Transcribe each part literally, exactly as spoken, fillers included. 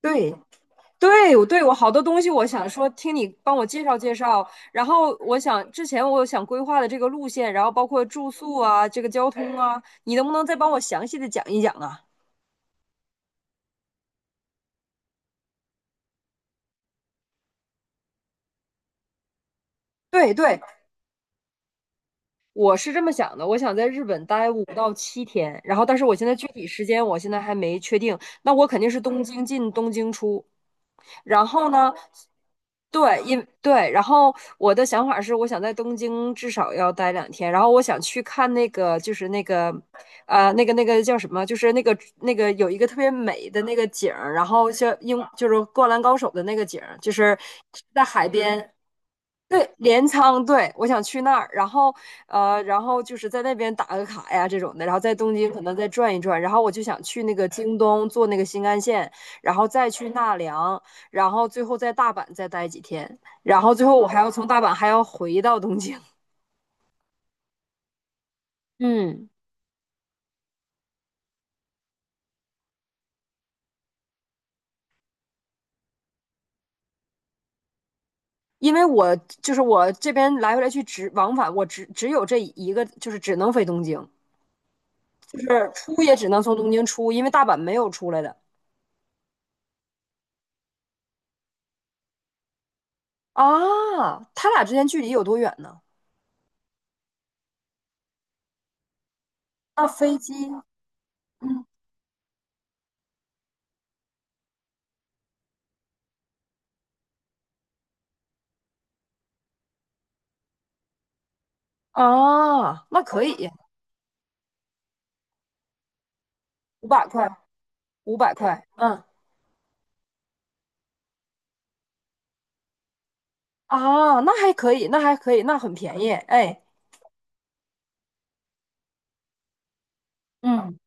对对，我对我好多东西，我想说听你帮我介绍介绍。然后我想之前我想规划的这个路线，然后包括住宿啊，这个交通啊，你能不能再帮我详细的讲一讲啊？对对，我是这么想的，我想在日本待五到七天，然后但是我现在具体时间我现在还没确定，那我肯定是东京进东京出，然后呢，对，因对，然后我的想法是，我想在东京至少要待两天，然后我想去看那个，就是那个，呃，那个那个叫什么，就是那个那个有一个特别美的那个景儿，然后像英就是《灌篮高手》的那个景儿，就是在海边，对，镰仓，对，我想去那儿，然后呃，然后就是在那边打个卡呀这种的，然后在东京可能再转一转，然后我就想去那个京东坐那个新干线，然后再去纳凉，然后最后在大阪再待几天，然后最后我还要从大阪还要回到东京。嗯因为我就是我这边来回来去只往返，我只只有这一个，就是只能飞东京，就是出也只能从东京出，因为大阪没有出来的啊。他俩之间距离有多远呢？那飞机啊，那可以，五百块，五百块，嗯啊，那还可以，那还可以，那很便宜，哎，嗯，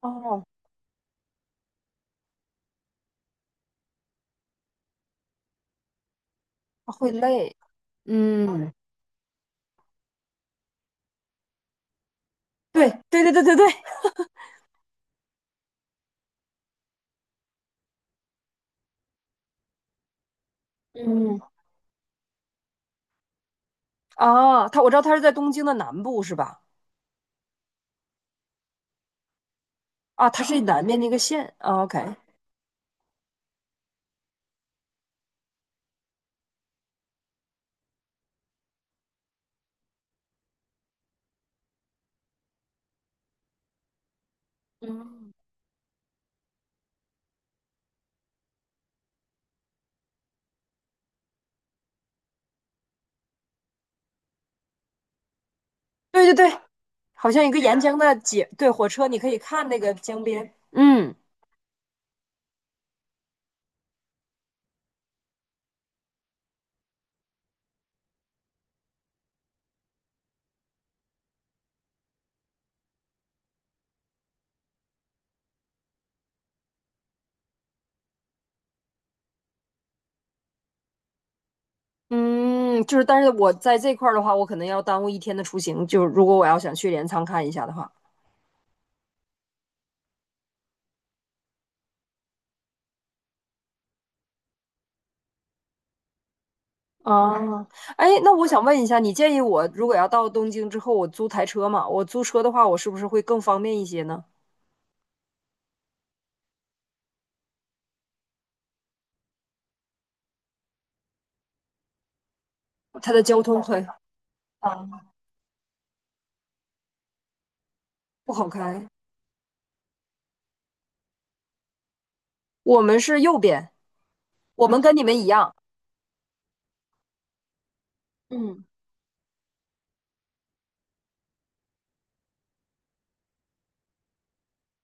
哦，他会累，嗯，对对对对对对，嗯，啊，他我知道他是在东京的南部是吧？啊，它是南面那个县啊，OK，嗯，对对对，好像一个沿江的街，对，火车你可以看那个江边，嗯嗯，就是，但是我在这块儿的话，我可能要耽误一天的出行，就是如果我要想去镰仓看一下的话，哦，哎，那我想问一下，你建议我如果要到东京之后，我租台车嘛？我租车的话，我是不是会更方便一些呢？它的交通很啊，不好开，我们是右边，我们跟你们一样，嗯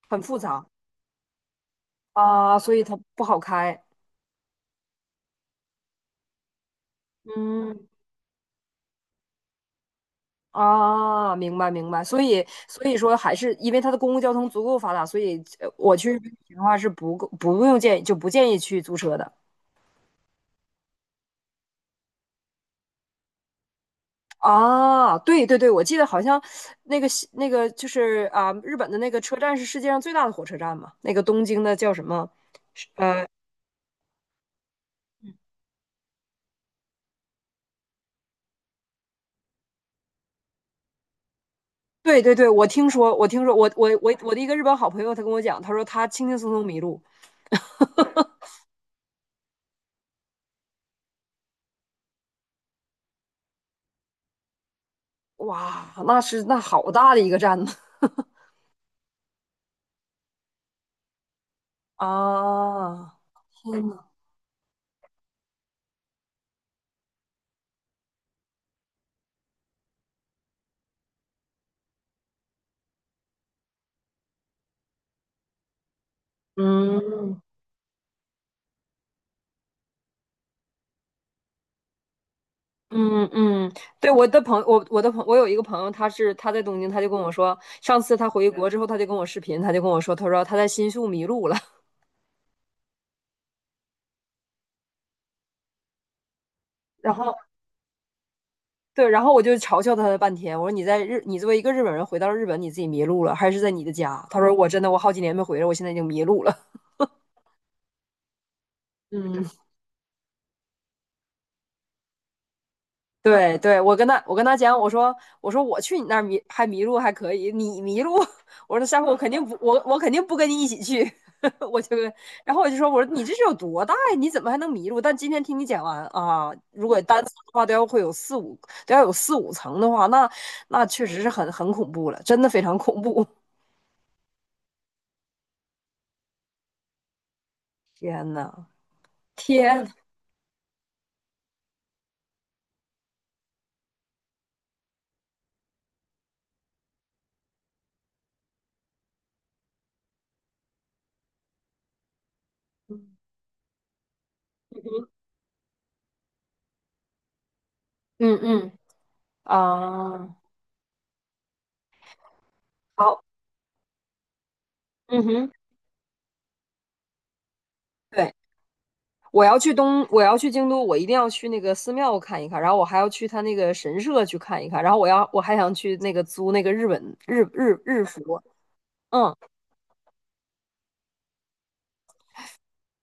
很复杂啊，所以它不好开。嗯啊，明白明白，所以所以说还是因为它的公共交通足够发达，所以呃我去日本旅行的话是不够不用建议就不建议去租车的。啊，对对对，我记得好像那个西那个就是啊，日本的那个车站是世界上最大的火车站嘛，那个东京的叫什么？呃，对对对，我听说，我听说，我我我我的一个日本好朋友，他跟我讲，他说他轻轻松松迷路，哇，那是那好大的一个站呢。啊，嗯嗯嗯，对，我的朋我我的朋我有一个朋友，他是他在东京，他就跟我说，上次他回国之后，他就跟我视频，他就跟我说，他说他在新宿迷路了。然后对，然后我就嘲笑他了半天。我说你在日，你作为一个日本人回到了日本，你自己迷路了，还是在你的家？他说我真的，我好几年没回来，我现在已经迷路了。嗯，对对，我跟他我跟他讲，我说我说我去你那儿迷还迷路还可以，你迷路，我说下回我肯定不我我肯定不跟你一起去，我就然后我就说我说你这是有多大呀？你怎么还能迷路？但今天听你讲完啊，如果单层的话都要会有四五都要有四五层的话，那那确实是很很恐怖了，真的非常恐怖，天呐。天，嗯嗯啊，好，嗯哼，对，我要去东，我要去京都，我一定要去那个寺庙看一看，然后我还要去他那个神社去看一看，然后我要我还想去那个租那个日本日日日服，嗯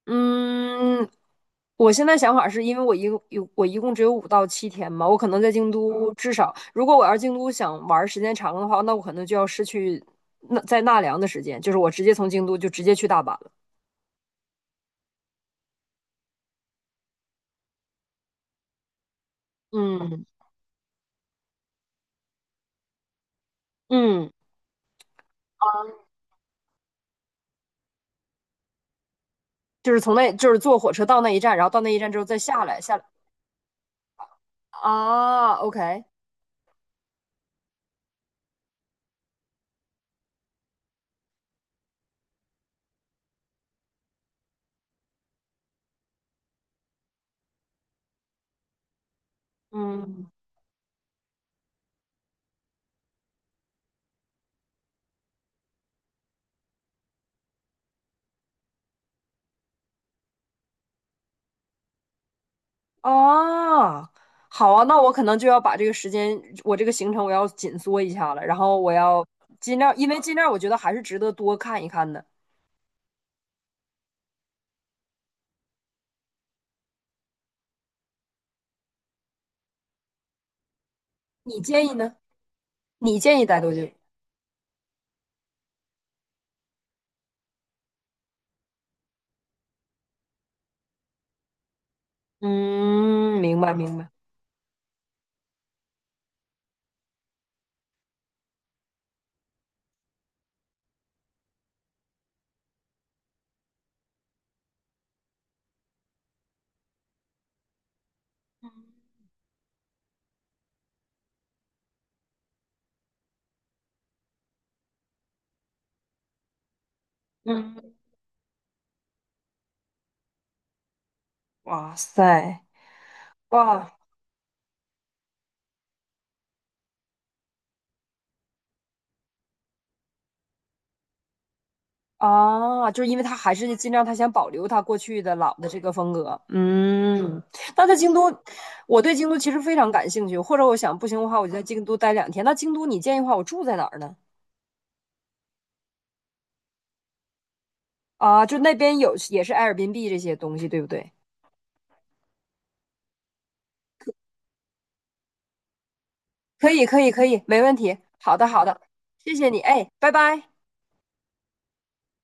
嗯，我现在想法是因为我一共有我一共只有五到七天嘛，我可能在京都至少，如果我要是京都想玩儿时间长的话，那我可能就要失去那在奈良的时间，就是我直接从京都就直接去大阪了，嗯嗯。就是从那就是坐火车到那一站，然后到那一站之后再下来，下来啊，OK，嗯，啊，好啊，那我可能就要把这个时间，我这个行程我要紧缩一下了，然后我要尽量，因为尽量我觉得还是值得多看一看的。你建议呢？你建议待多久？嗯，明白明白。嗯，哇塞，哇。啊，就是因为他还是尽量他想保留他过去的老的这个风格。嗯，那在京都，我对京都其实非常感兴趣，或者我想不行的话，我就在京都待两天。那京都你建议的话，我住在哪儿呢？啊，就那边有也是 Airbnb 这些东西，对不对？可以，可以，可以，没问题。好的，好的，谢谢你，哎，拜拜。